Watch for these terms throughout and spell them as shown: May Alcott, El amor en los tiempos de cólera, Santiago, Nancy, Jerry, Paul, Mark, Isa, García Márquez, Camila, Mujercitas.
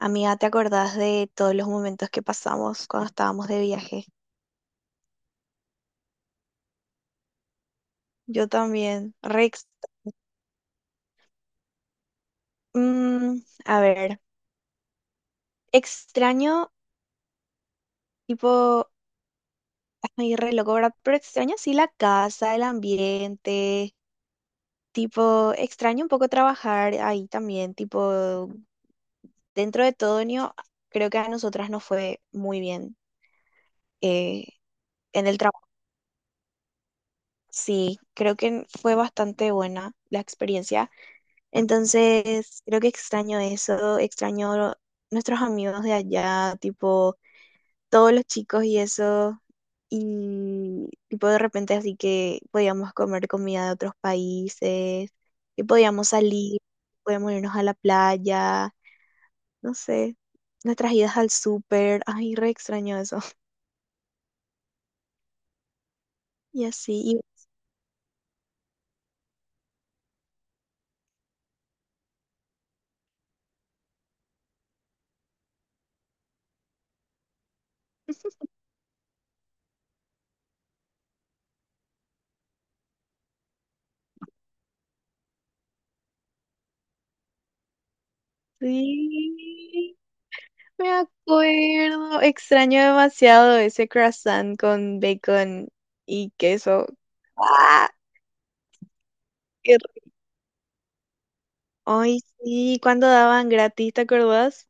Amiga, ¿te acordás de todos los momentos que pasamos cuando estábamos de viaje? Yo también. Re ex- Mm, a ver, extraño, tipo, ay, re loco, ¿verdad? Pero extraño sí la casa, el ambiente, tipo, extraño un poco trabajar ahí también, tipo, dentro de todo, ño, creo que a nosotras nos fue muy bien eh, en el trabajo. Sí, creo que fue bastante buena la experiencia. Entonces, creo que extraño eso, extraño nuestros amigos de allá, tipo todos los chicos y eso, y tipo de repente así que podíamos comer comida de otros países, que podíamos salir, podíamos irnos a la playa, no sé, nuestras idas al súper, ay, re extraño eso. Y así, y sí, me acuerdo, extraño demasiado ese croissant con bacon y queso. Ah, qué rico. Ay, sí, cuando daban gratis, ¿te acordás?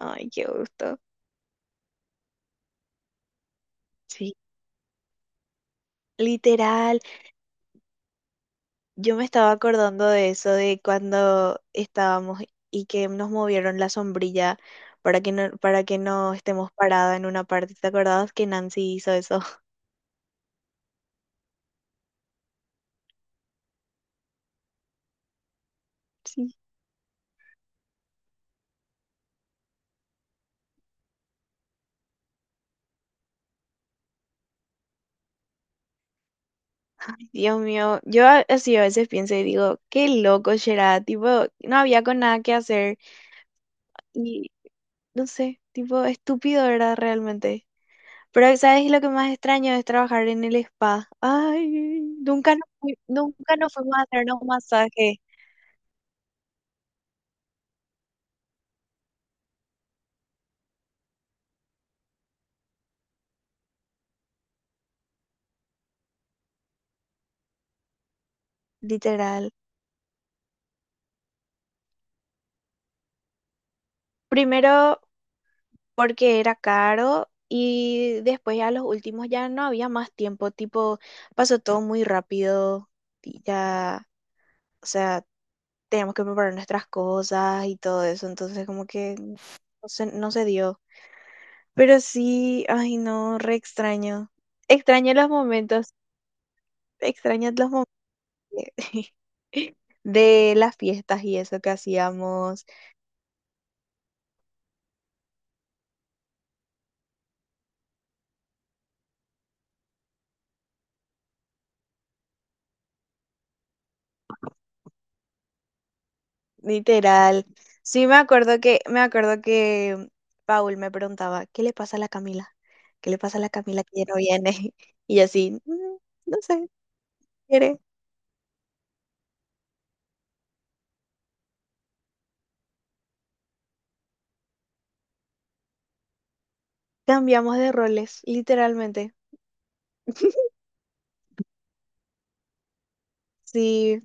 Ay, qué gusto. Sí. Literal, yo me estaba acordando de eso, de cuando estábamos y que nos movieron la sombrilla para que no estemos parados en una parte. ¿Te acordás que Nancy hizo eso? Sí. Dios mío, yo a- así a veces pienso y digo, qué loco será, tipo, no había con nada que hacer y no sé, tipo, estúpido era realmente. Pero ¿sabes lo que más extraño es trabajar en el spa? Ay, nunca nos, fui- nunca nos fuimos a hacernos un masaje, literal. Primero porque era caro y después ya los últimos ya no había más tiempo, tipo, pasó todo muy rápido y ya, o sea, teníamos que preparar nuestras cosas y todo eso, entonces como que no se dio. Pero sí, ay no, re extraño. Extraño los momentos, extraño los momentos. De las fiestas y eso que hacíamos, literal. Sí, me acuerdo que Paul me preguntaba, ¿qué le pasa a la Camila? ¿Qué le pasa a la Camila que ya no viene? Y yo así, "Mm, no sé, quiere". Cambiamos de roles, literalmente. Sí,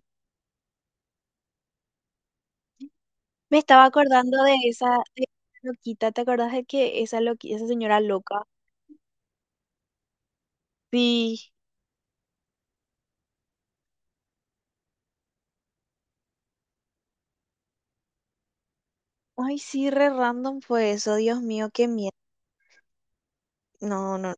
me estaba acordando de esa loquita, ¿te acordás de que esa loqui- esa señora loca? Sí. Ay, sí, re random fue eso, Dios mío, qué miedo. No, no.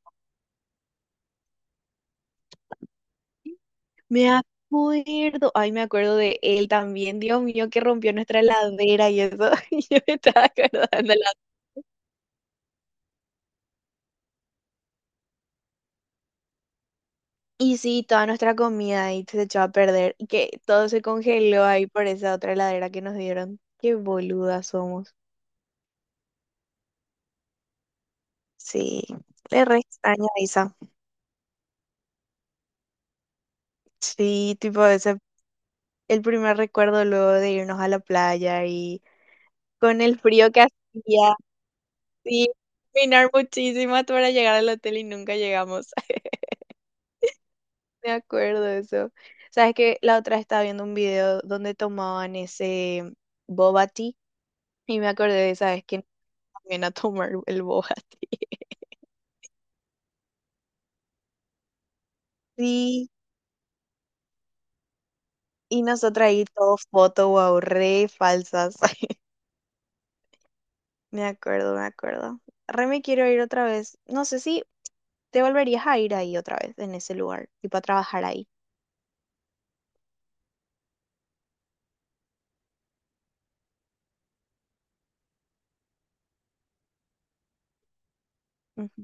Me acuerdo, ay, me acuerdo de él también, Dios mío, que rompió nuestra heladera y eso, y yo me estaba acordando. La- Y sí, toda nuestra comida ahí se echó a perder y que todo se congeló ahí por esa otra heladera que nos dieron. Qué boludas somos. Sí, le re extraño a Isa. Sí, tipo ese, el primer recuerdo luego de irnos a la playa y con el frío que hacía, sí, caminar muchísimo hasta para llegar al hotel y nunca llegamos. Me acuerdo de eso. Sabes que la otra estaba viendo un video donde tomaban ese boba tea y me acordé de sabes vez que también a tomar el boba tea. Sí, y nosotras ahí todo foto, wow, re falsas. Me acuerdo, me acuerdo. Re me quiero ir otra vez. No sé si te volverías a ir ahí otra vez, en ese lugar, y para trabajar ahí. Ujú,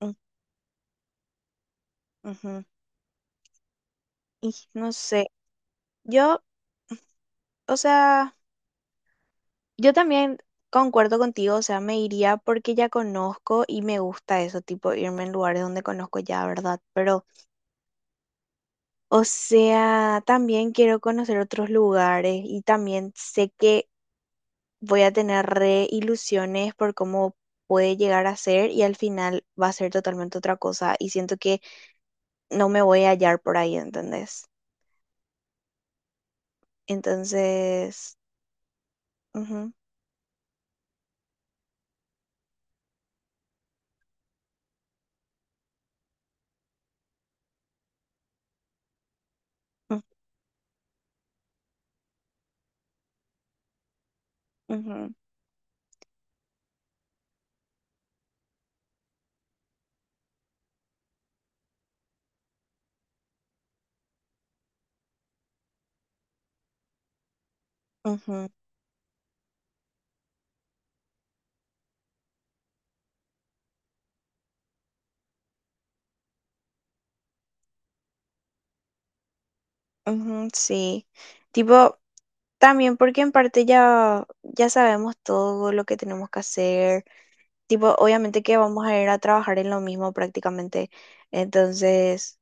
ujú, ujú. Y no sé, yo, o sea... Yo también concuerdo contigo, o sea, me iría porque ya conozco y me gusta eso, tipo irme en lugares donde conozco ya, ¿verdad? Pero, o sea, también quiero conocer otros lugares y también sé que voy a tener re ilusiones por cómo puede llegar a ser y al final va a ser totalmente otra cosa y siento que no me voy a hallar por ahí, ¿entendés? Entonces, ujú, ujú, ujú, ujú, ujú, sí. Tipo, también porque en parte ya sabemos todo lo que tenemos que hacer. Tipo, obviamente que vamos a ir a trabajar en lo mismo prácticamente. Entonces,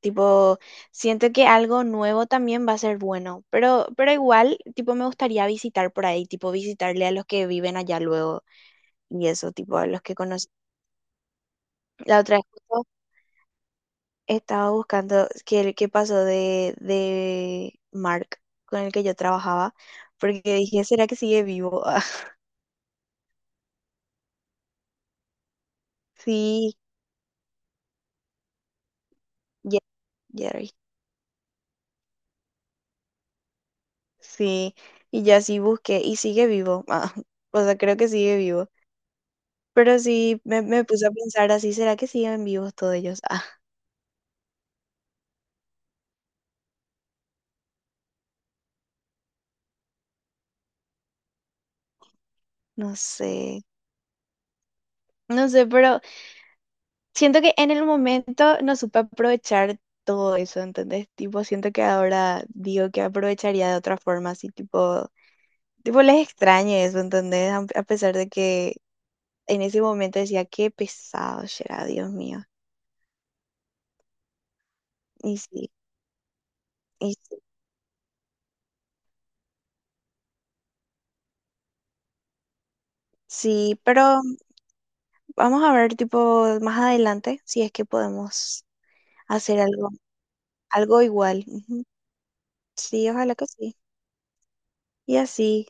tipo, siento que algo nuevo también va a ser bueno. Pero igual, tipo, me gustaría visitar por ahí, tipo, visitarle a los que viven allá luego y eso, tipo, a los que conocí. La otra vez justo estaba buscando qué, qué pasó de Mark, con el que yo trabajaba, porque dije, ¿será que sigue vivo? Sí. Ye- Jerry. Sí, y ya sí busqué y sigue vivo. Ah, o sea, creo que sigue vivo. Pero sí me puse a pensar así, ¿será que siguen vivos todos ellos? Ah, no sé. No sé, pero siento que en el momento no supe aprovechar todo eso, ¿entendés? Tipo, siento que ahora digo que aprovecharía de otra forma, así tipo, tipo les extrañe eso, ¿entendés? A pesar de que en ese momento decía, qué pesado será, Dios mío. Y sí, y sí. Sí, pero vamos a ver, tipo, más adelante, si es que podemos hacer algo, algo igual. Ujú. Sí, ojalá que sí. Y así,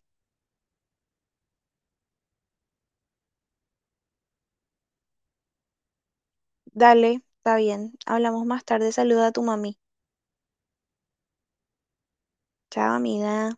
dale, está bien. Hablamos más tarde. Saluda a tu mami. Chao, amiga.